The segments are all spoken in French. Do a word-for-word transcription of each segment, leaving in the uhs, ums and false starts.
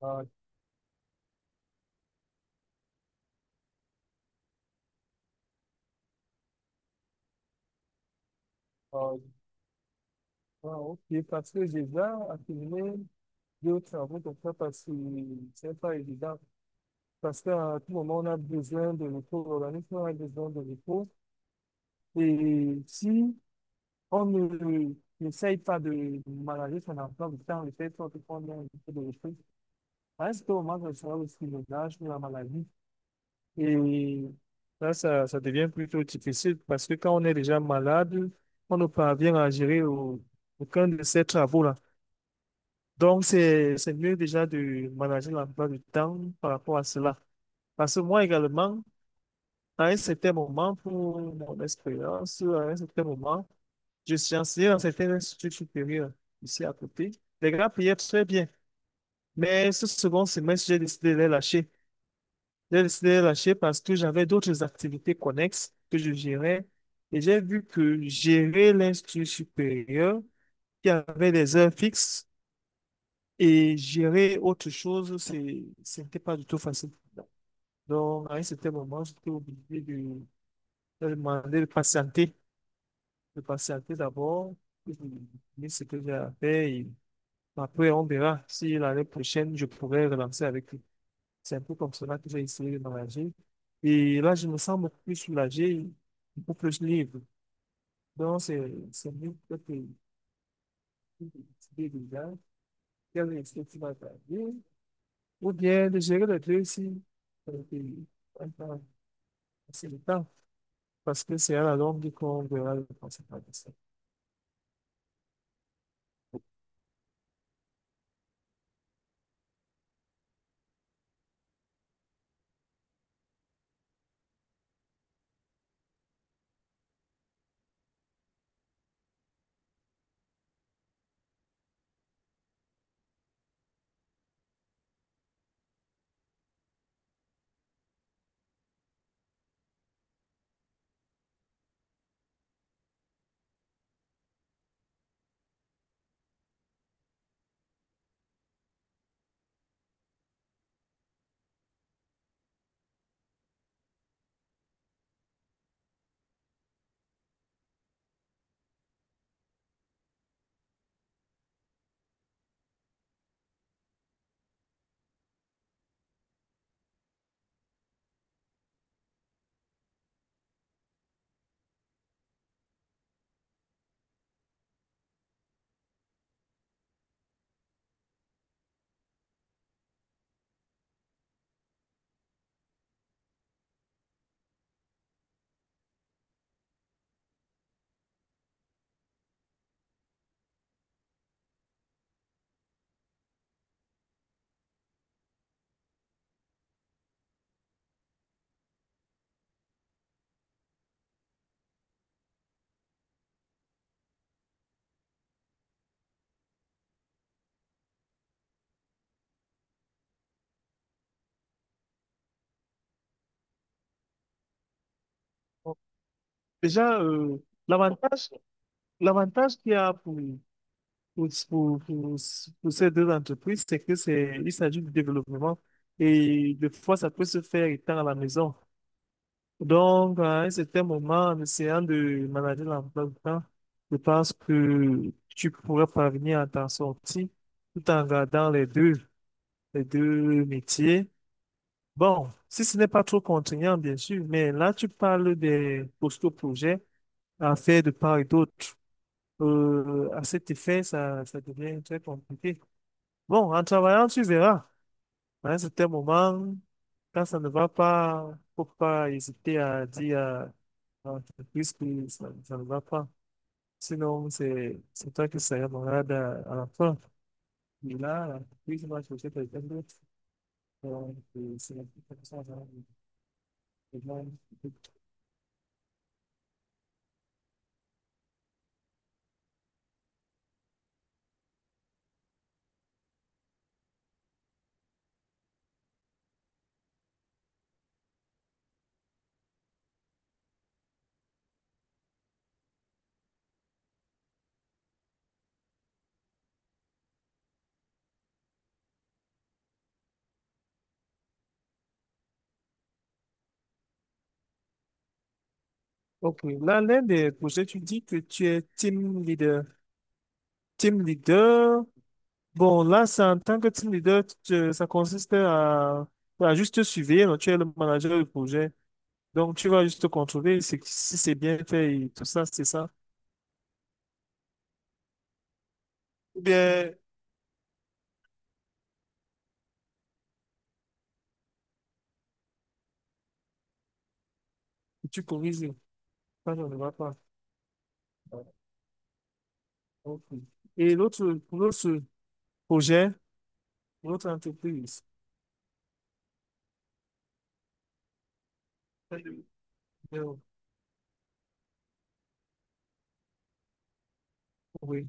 Ah, ah, ah, ok, parce que j'ai déjà accumulé deux ou trois travaux comme ça, parce que c'est pas évident. Parce qu'à tout moment, on a besoin de repos, l'organisme a besoin de repos. Et si on ne n'essaye pas de manager son emploi du temps, le fait qu'on ait un peu de repos, à un certain moment, ça sera aussi le l'âge ou la maladie. Et là, ça, ça devient plutôt difficile parce que quand on est déjà malade, on ne parvient à gérer au- aucun de ces travaux-là. Donc, c'est, c'est mieux déjà de manager l'emploi du temps par rapport à cela. Parce que moi également, à un certain moment, pour mon expérience, à un certain moment, je suis enseigné dans certains instituts supérieurs ici à côté. Les gars payaient très bien. Mais ce second semestre, j'ai décidé de les lâcher. J'ai décidé de les lâcher parce que j'avais d'autres activités connexes que je gérais. Et j'ai vu que gérer l'institut supérieur, qui avait des heures fixes, et gérer autre chose, c'est, c'était pas du tout facile. Donc, à un certain moment, j'étais obligé de, de demander de patienter, de patienter d'abord, et de terminer ce que j'ai à faire. Et après, on verra si l'année prochaine, je pourrais relancer avec lui. C'est un peu comme cela que j'ai essayé de m'engager. Et là, je me sens beaucoup plus soulagé, beaucoup plus libre. Donc, c'est c'est mieux que de décider déjà. Quel est ce qui va t'arriver? Ou bien de gérer les deux aussi. Et puis, ouais, bah, c'est le temps, parce que c'est à la longue qu'on verra les conséquences de ça. Bon, déjà, euh, l'avantage, l'avantage qu'il y a pour, pour, pour, pour- pour ces deux entreprises, c'est que c'est, il s'agit du développement et des fois, ça peut se faire étant à la maison. Donc, à un certain moment, en essayant de manager l'emploi du temps, je pense que tu pourrais parvenir à t'en sortir tout en gardant les deux. Les deux métiers. Bon, si ce n'est pas trop contraignant, bien sûr, mais là, tu parles des postaux projets à faire de part et d'autre. Euh, à cet effet, ça, ça devient très compliqué. Bon, en travaillant, tu verras. À un certain moment, quand ça ne va pas, faut pas hésiter à dire à à l'entreprise que ça, ça ne va pas. Sinon, c'est c'est toi qui seras malade à, à la fin. Et là, l'entreprise va chercher quelqu'un d'autre. Donc, euh, c'est un peu comme ça, hein. Ok, là, l'un des projets, tu dis que tu es team leader. Team leader, bon, là, c'est en tant que team leader, tu- ça consiste à, à juste te surveiller, donc tu es le manager du projet. Donc, tu vas juste contrôler si, si c'est bien fait et tout ça, c'est ça. Ou bien, tu corriges quand on ne va pas. Ok. Et l'autre, pour l'autre projet, pour l'autre entreprise. Oui.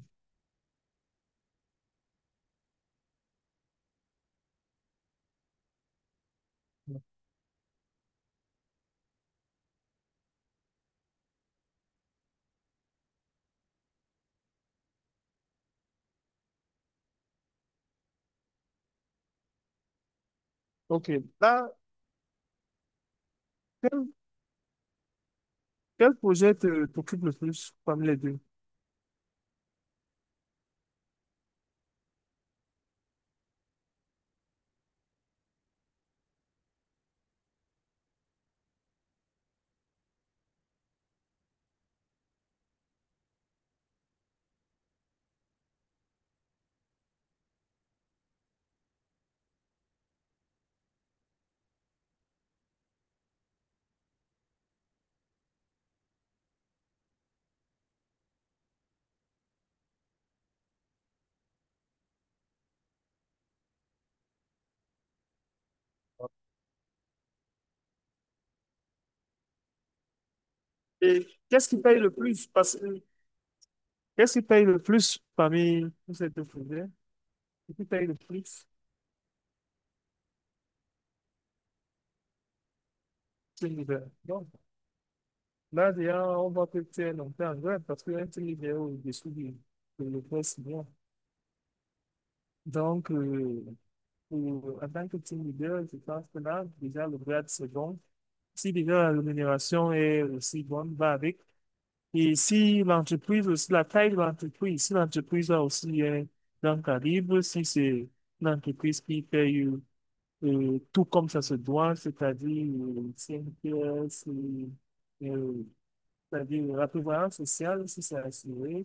Ok. Là, quel projet te t'occupe le plus parmi les deux? Et qu'est-ce qui paye le plus? Parce que qu'est-ce qui paye le plus parmi tous ces deux projets? Ce qui paye le plus, c'est l'hiver. Donc, là, déjà, on voit que tu es longtemps en grève parce qu'un team leader est au-dessous du de le poste bien. Donc, euh, pour- en tant que team leader, je pense que là, déjà, le grade, c'est bon. Si déjà la rémunération est aussi bonne, va avec. Et si l'entreprise aussi, la taille de l'entreprise, si l'entreprise a aussi un grand calibre, si c'est l'entreprise qui fait euh, euh, tout comme ça se doit, c'est-à-dire euh, cinq heures, c'est, euh, c'est-à-dire la prévoyance sociale, si c'est assuré,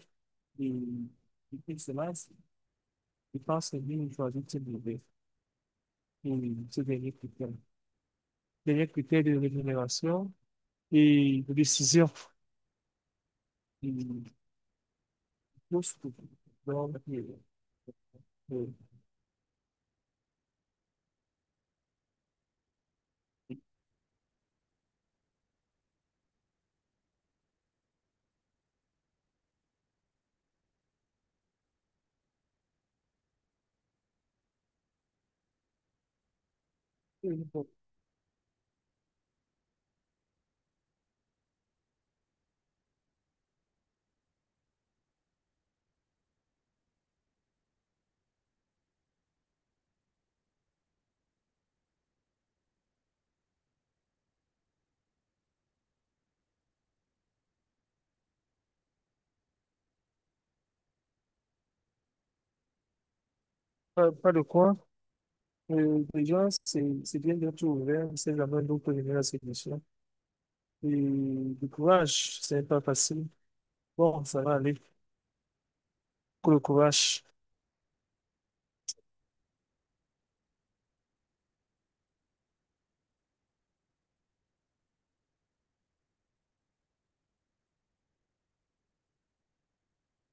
et, et puis cela, c'est- je pense que nous, il faut ajouter et ce dernier critère. Dernier critère de rémunération et de décision. Et, tout ce que- donc, euh, euh, et bon, pas, pas de quoi. Euh, déjà, c'est c'est bien d'être ouvert, c'est jamais d'autres venir à ces questions. Et du courage, c'est pas facile. Bon, ça va aller. Que le courage.